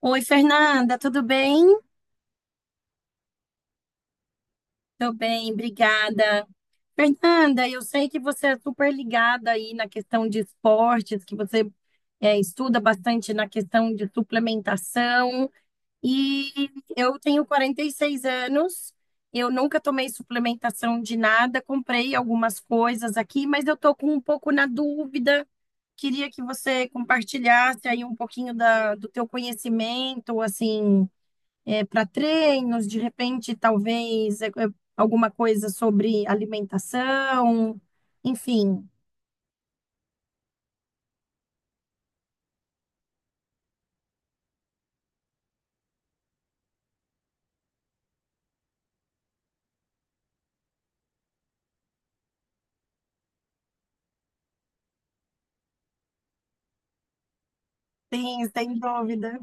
Oi, Fernanda, tudo bem? Tô bem, obrigada. Fernanda, eu sei que você é super ligada aí na questão de esportes, que você estuda bastante na questão de suplementação. E eu tenho 46 anos, eu nunca tomei suplementação de nada, comprei algumas coisas aqui, mas eu tô com um pouco na dúvida. Queria que você compartilhasse aí um pouquinho da, do teu conhecimento, assim para treinos, de repente, talvez alguma coisa sobre alimentação, enfim, tem, sem dúvida.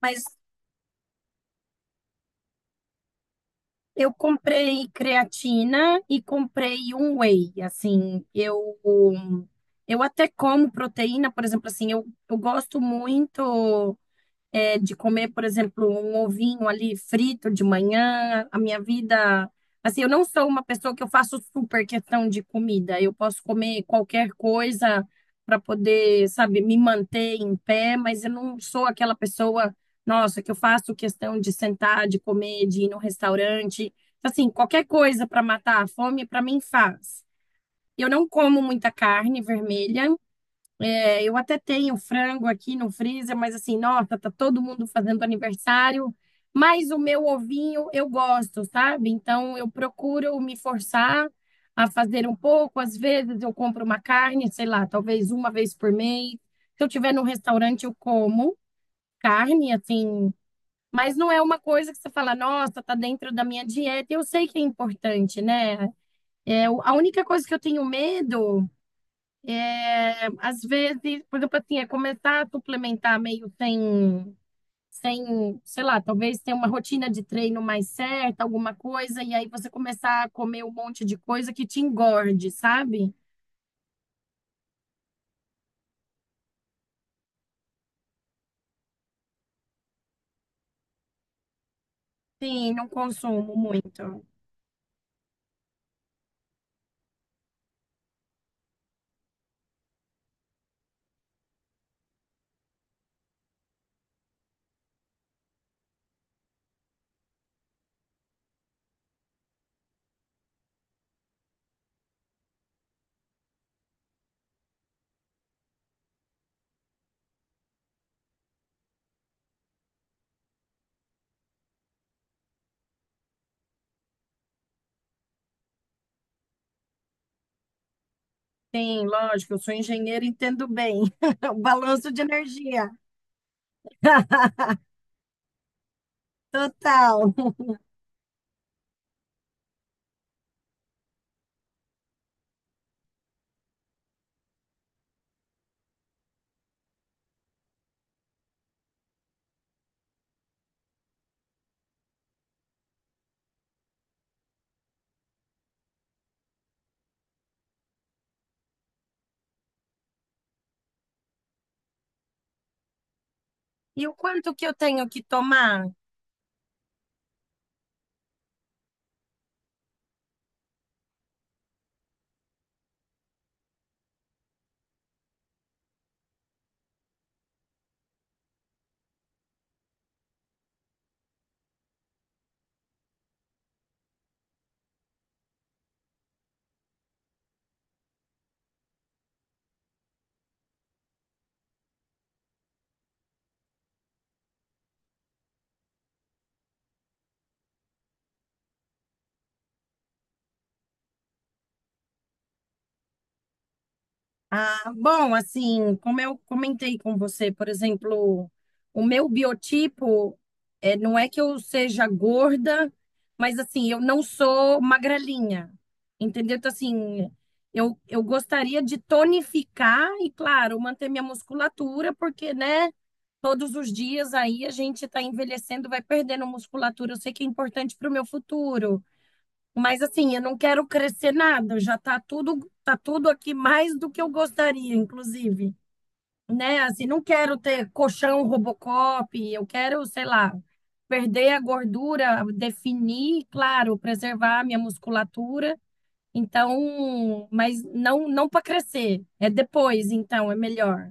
Mas eu comprei creatina e comprei um whey, assim, eu até como proteína, por exemplo, assim, eu gosto muito. De comer, por exemplo, um ovinho ali frito de manhã, a minha vida. Assim, eu não sou uma pessoa que eu faço super questão de comida. Eu posso comer qualquer coisa para poder, sabe, me manter em pé, mas eu não sou aquela pessoa, nossa, que eu faço questão de sentar, de comer, de ir no restaurante. Assim, qualquer coisa para matar a fome, para mim faz. Eu não como muita carne vermelha. Eu até tenho frango aqui no freezer, mas assim, nossa, tá todo mundo fazendo aniversário. Mas o meu ovinho eu gosto, sabe? Então eu procuro me forçar a fazer um pouco. Às vezes eu compro uma carne, sei lá, talvez uma vez por mês. Se eu tiver num restaurante, eu como carne, assim. Mas não é uma coisa que você fala, nossa, tá dentro da minha dieta. Eu sei que é importante, né? A única coisa que eu tenho medo. Às vezes, por exemplo, assim, é começar a suplementar meio sem, sei lá, talvez ter uma rotina de treino mais certa, alguma coisa, e aí você começar a comer um monte de coisa que te engorde, sabe? Sim, não consumo muito. Sim, lógico, eu sou engenheira e entendo bem. O balanço de energia. Total. E o quanto que eu tenho que tomar? Ah, bom, assim, como eu comentei com você, por exemplo, o meu biotipo não é que eu seja gorda, mas assim, eu não sou magrelinha, entendeu? Então, assim, eu gostaria de tonificar e, claro, manter minha musculatura, porque, né, todos os dias aí a gente está envelhecendo, vai perdendo musculatura. Eu sei que é importante para o meu futuro. Mas assim, eu não quero crescer nada, já tá tudo aqui mais do que eu gostaria, inclusive, né? Assim, não quero ter colchão Robocop, eu quero, sei lá, perder a gordura, definir, claro, preservar a minha musculatura. Então, mas não para crescer, é depois, então é melhor.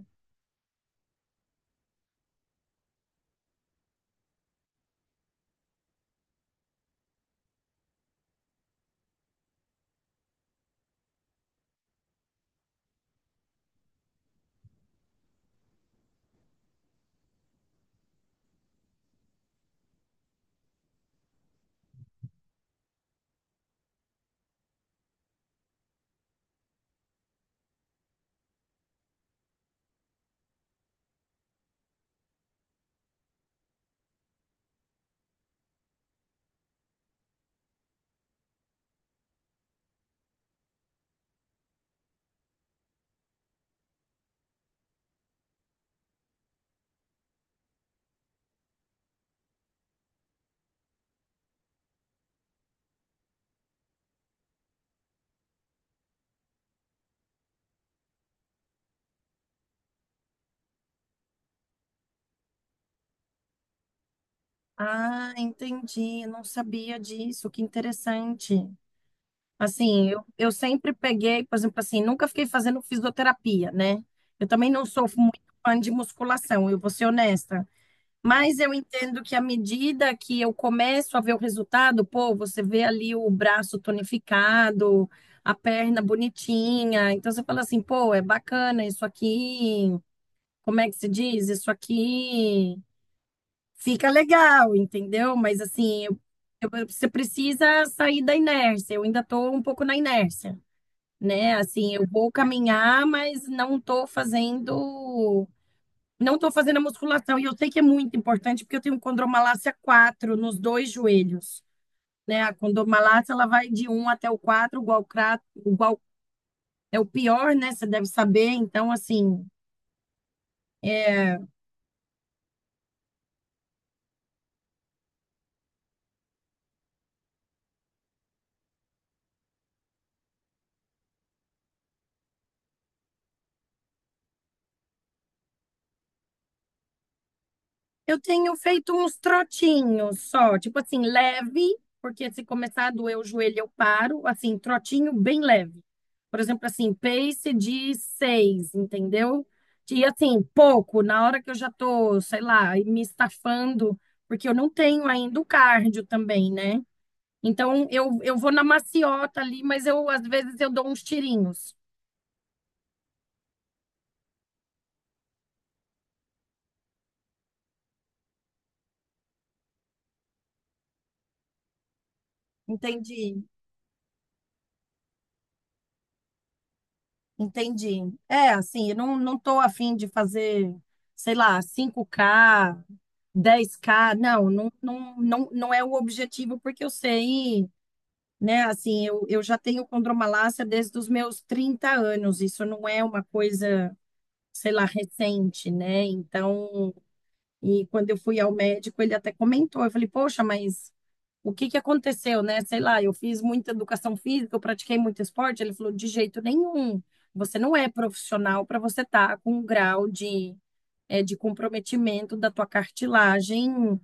Ah, entendi, não sabia disso, que interessante. Assim, eu sempre peguei, por exemplo, assim, nunca fiquei fazendo fisioterapia, né? Eu também não sou muito fã de musculação, eu vou ser honesta. Mas eu entendo que à medida que eu começo a ver o resultado, pô, você vê ali o braço tonificado, a perna bonitinha. Então você fala assim, pô, é bacana isso aqui. Como é que se diz? Isso aqui fica legal, entendeu? Mas assim, você precisa sair da inércia. Eu ainda estou um pouco na inércia, né? Assim, eu vou caminhar, mas não tô fazendo a musculação. E eu sei que é muito importante porque eu tenho condromalácia 4 nos dois joelhos, né? A condromalácia ela vai de 1 até o 4. Igual é o pior, né? Você deve saber. Então, assim, eu tenho feito uns trotinhos só, tipo assim, leve, porque se começar a doer o joelho, eu paro, assim, trotinho bem leve. Por exemplo, assim, pace de 6, entendeu? E assim, pouco, na hora que eu já tô, sei lá, me estafando, porque eu não tenho ainda o cardio também, né? Então, eu vou na maciota ali, mas eu, às vezes, eu dou uns tirinhos. Entendi. Entendi. É, assim, eu não tô afim de fazer, sei lá, 5K, 10K. Não, não, não, não, não é o objetivo, porque eu sei, né? Assim, eu já tenho condromalácia desde os meus 30 anos. Isso não é uma coisa, sei lá, recente, né? Então, e quando eu fui ao médico, ele até comentou. Eu falei, poxa, mas o que que aconteceu, né? Sei lá, eu fiz muita educação física, eu pratiquei muito esporte. Ele falou, de jeito nenhum. Você não é profissional para você estar com um grau de, de comprometimento da tua cartilagem,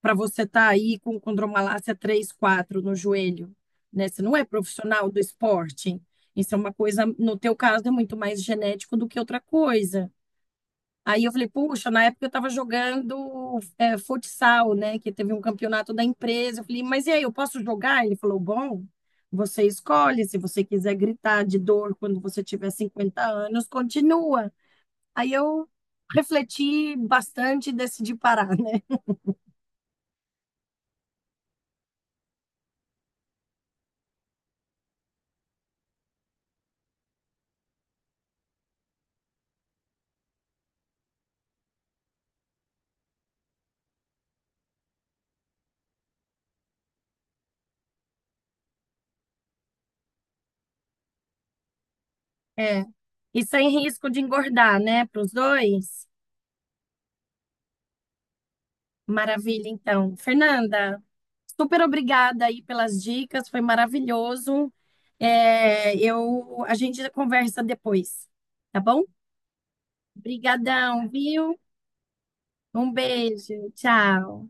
para você estar aí com condromalácia 3 4 no joelho, né? Você não é profissional do esporte. Isso é uma coisa, no teu caso, é muito mais genético do que outra coisa. Aí eu falei, puxa, na época eu estava jogando, futsal, né? Que teve um campeonato da empresa. Eu falei, mas e aí, eu posso jogar? Ele falou, bom, você escolhe. Se você quiser gritar de dor quando você tiver 50 anos, continua. Aí eu refleti bastante e decidi parar, né? É. E sem risco de engordar, né? Para os dois. Maravilha, então. Fernanda, super obrigada aí pelas dicas, foi maravilhoso. É, a gente conversa depois, tá bom? Obrigadão, viu? Um beijo, tchau.